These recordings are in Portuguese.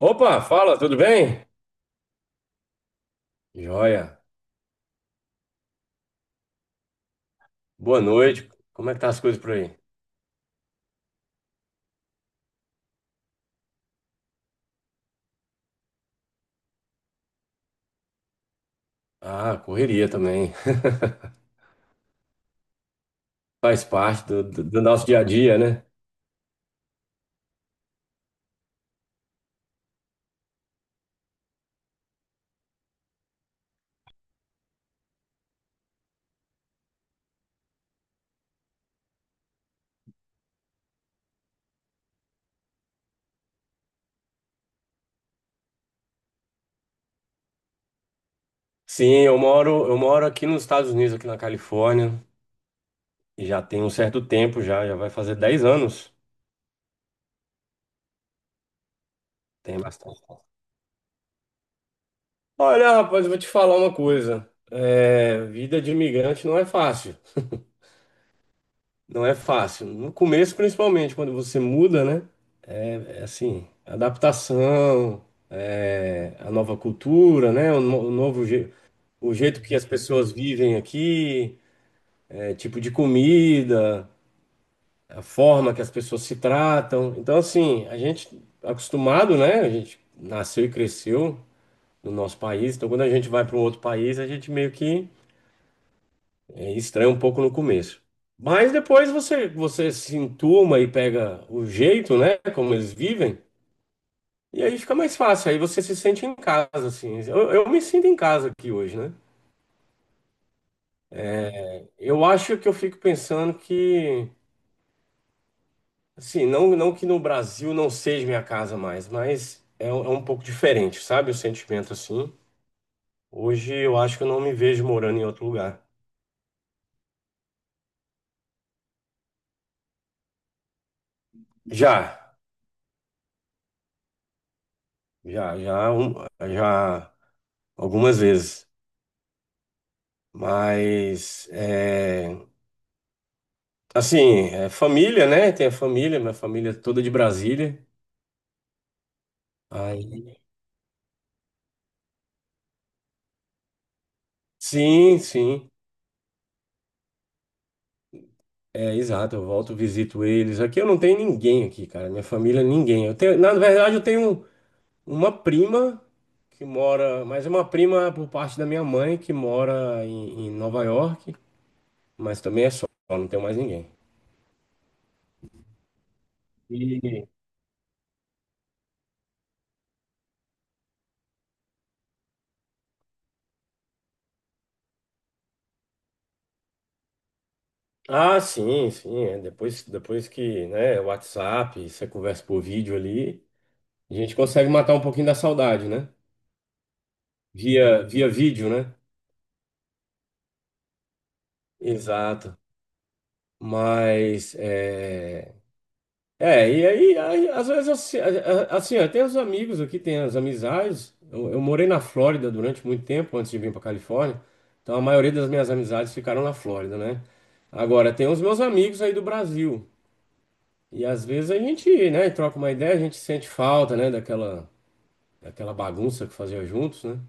Opa, fala, tudo bem? Joia. Boa noite. Como é que tá as coisas por aí? Ah, correria também. Faz parte do nosso dia a dia, né? Sim, eu moro aqui nos Estados Unidos, aqui na Califórnia, e já tem um certo tempo já, já vai fazer 10 anos. Tem bastante. Olha, rapaz, eu vou te falar uma coisa. Vida de imigrante não é fácil. Não é fácil. No começo, principalmente, quando você muda, né? É assim, adaptação, a nova cultura, né? O, no- o novo o jeito que as pessoas vivem aqui, tipo de comida, a forma que as pessoas se tratam. Então, assim, a gente acostumado, né? A gente nasceu e cresceu no nosso país. Então, quando a gente vai para um outro país, a gente meio que estranha um pouco no começo. Mas depois você se entuma e pega o jeito, né? Como eles vivem. E aí fica mais fácil, aí você se sente em casa, assim. Eu me sinto em casa aqui hoje, né? Eu acho que eu fico pensando que, assim, não que no Brasil não seja minha casa mais, mas é um pouco diferente, sabe? O sentimento, assim. Hoje eu acho que eu não me vejo morando em outro lugar. Já, já, já, um- já algumas vezes. Mas, assim, é família, né? Tem a família, minha família é toda de Brasília. Aí, sim, sim. É, exato, eu volto, visito eles. Aqui eu não tenho ninguém aqui, cara. Minha família, ninguém. Eu tenho, na verdade, eu tenho uma prima que mora, mas é uma prima por parte da minha mãe que mora em Nova York, mas também é só, não tenho mais ninguém. E- Ah, sim, sim. Depois, né, WhatsApp, você conversa por vídeo ali, a gente consegue matar um pouquinho da saudade, né? Via vídeo, né? Exato. Mas é, e às vezes, assim, assim, ó, tem os amigos aqui, tem as amizades. Eu morei na Flórida durante muito tempo antes de vir para Califórnia, então a maioria das minhas amizades ficaram na Flórida, né? Agora, tem os meus amigos aí do Brasil, e às vezes a gente, né, troca uma ideia, a gente sente falta, né, daquela bagunça que fazia juntos, né?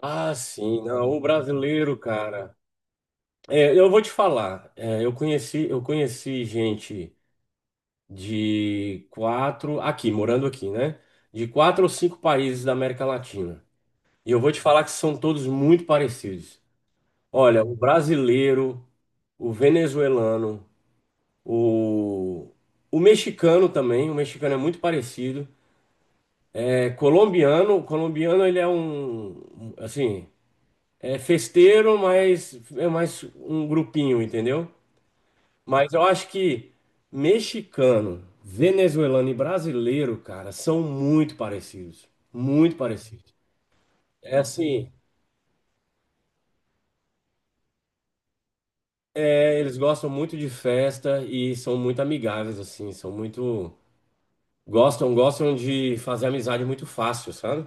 Ah, sim, não, o brasileiro, cara. Eu vou te falar, eu conheci gente de quatro, aqui, morando aqui, né? De quatro ou cinco países da América Latina. E eu vou te falar que são todos muito parecidos. Olha, o brasileiro, o venezuelano, o, o mexicano também, o mexicano é muito parecido. É colombiano, o colombiano ele é assim, é festeiro, mas é mais um grupinho, entendeu? Mas eu acho que mexicano, venezuelano e brasileiro, cara, são muito parecidos. Muito parecidos. É assim, eles gostam muito de festa e são muito amigáveis, assim, são muito. Gostam de fazer amizade muito fácil, sabe?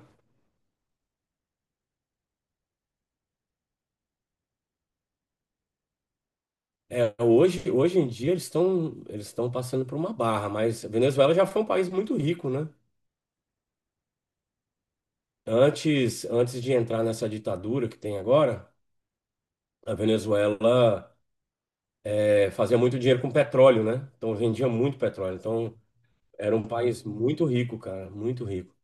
É, hoje em dia eles estão passando por uma barra, mas a Venezuela já foi um país muito rico, né? Antes de entrar nessa ditadura que tem agora, a Venezuela fazia muito dinheiro com petróleo, né? Então vendia muito petróleo. Então era um país muito rico, cara, muito rico.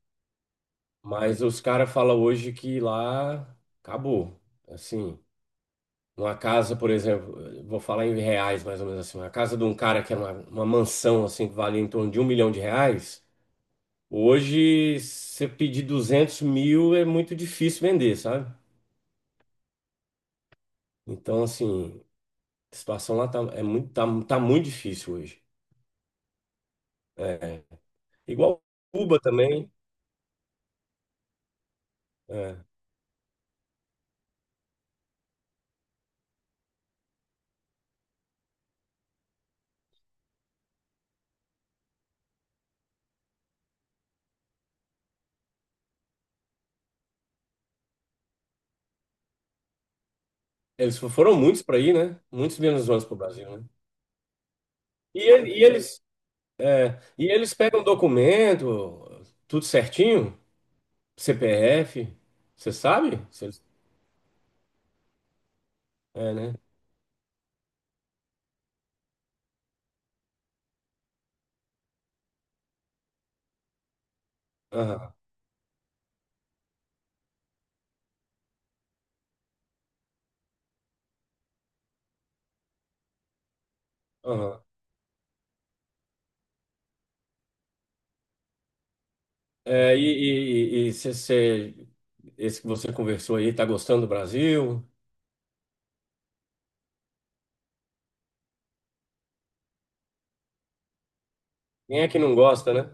Mas os caras falam hoje que lá acabou. Assim, uma casa, por exemplo, eu vou falar em reais mais ou menos assim, uma casa de um cara que era uma mansão assim que valia em torno de um milhão de reais, hoje você pedir 200 mil é muito difícil vender, sabe? Então assim, a situação lá tá, é muito, tá muito difícil hoje. É, igual Cuba também. É. Eles foram muitos para ir, né? Muitos venezuelanos para o Brasil, né? E eles, e eles pegam documento, tudo certinho, CPF, você sabe? Se eles- É, né? Aham, aham. Você, esse que você conversou aí, tá gostando do Brasil? Quem é que não gosta, né?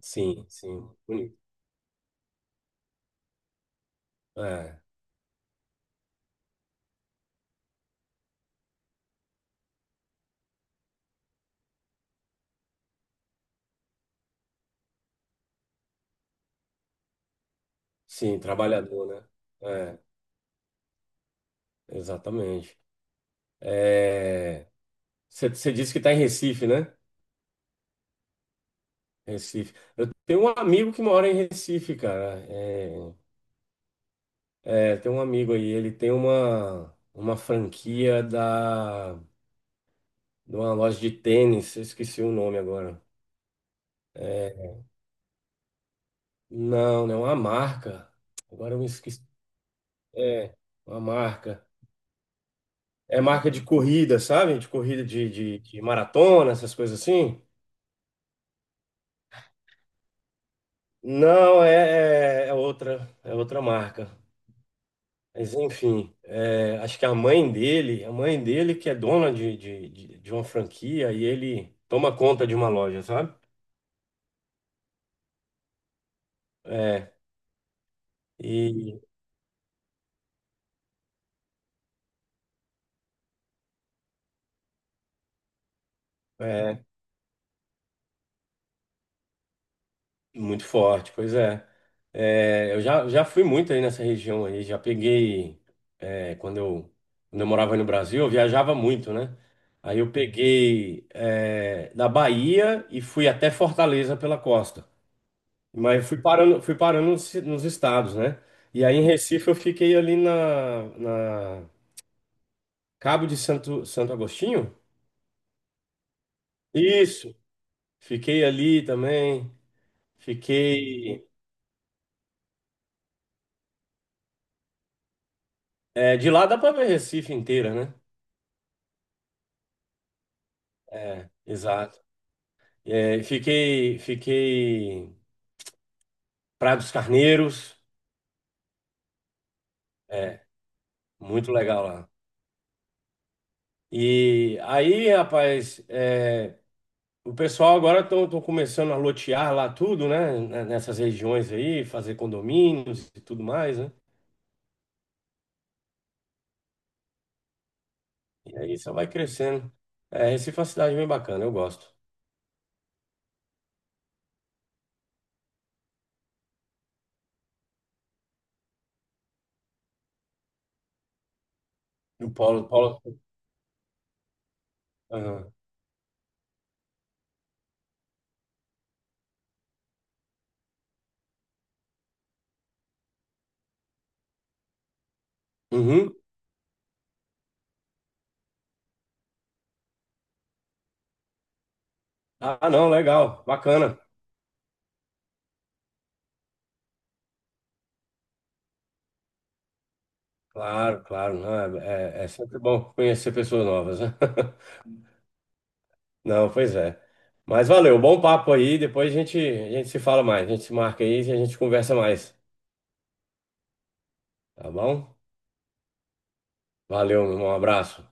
Sim, sim, bonito. É, sim, trabalhador, né? É, exatamente. É, você disse que está em Recife, né? Recife. Eu tenho um amigo que mora em Recife, cara. Tem um amigo aí, ele tem uma franquia de uma loja de tênis, eu esqueci o nome agora. Não, não, né, uma marca. Agora eu me esqueci. É, uma marca. É marca de corrida, sabe? De corrida de maratona, essas coisas assim. Não, é outra marca. Mas enfim, é, acho que a mãe dele que é dona de uma franquia e ele toma conta de uma loja, sabe? É, e é muito forte, pois é. É, eu já fui muito aí nessa região aí, já peguei, é, quando eu, quando eu morava aí no Brasil, eu viajava muito, né? Aí eu peguei, é, da Bahia e fui até Fortaleza pela costa. Mas eu fui parando nos estados, né? E aí em Recife eu fiquei ali na Cabo de Santo, Santo Agostinho. Isso, fiquei ali também. Fiquei. É, de lá dá para ver Recife inteira, né? É, exato. É, fiquei Praia dos Carneiros. É, muito legal lá. E aí, rapaz, é, o pessoal agora estão começando a lotear lá tudo, né? Nessas regiões aí, fazer condomínios e tudo mais, né? E aí só vai crescendo. É, Recife é uma cidade bem bacana, eu gosto. O Paulo, Paulo. Aham. Uhum. Ah, não, legal, bacana. Claro, claro, não, é sempre bom conhecer pessoas novas, né? Não, pois é. Mas valeu, bom papo aí. Depois a gente se fala mais, a gente se marca aí e a gente conversa mais, tá bom? Valeu, meu irmão, um abraço.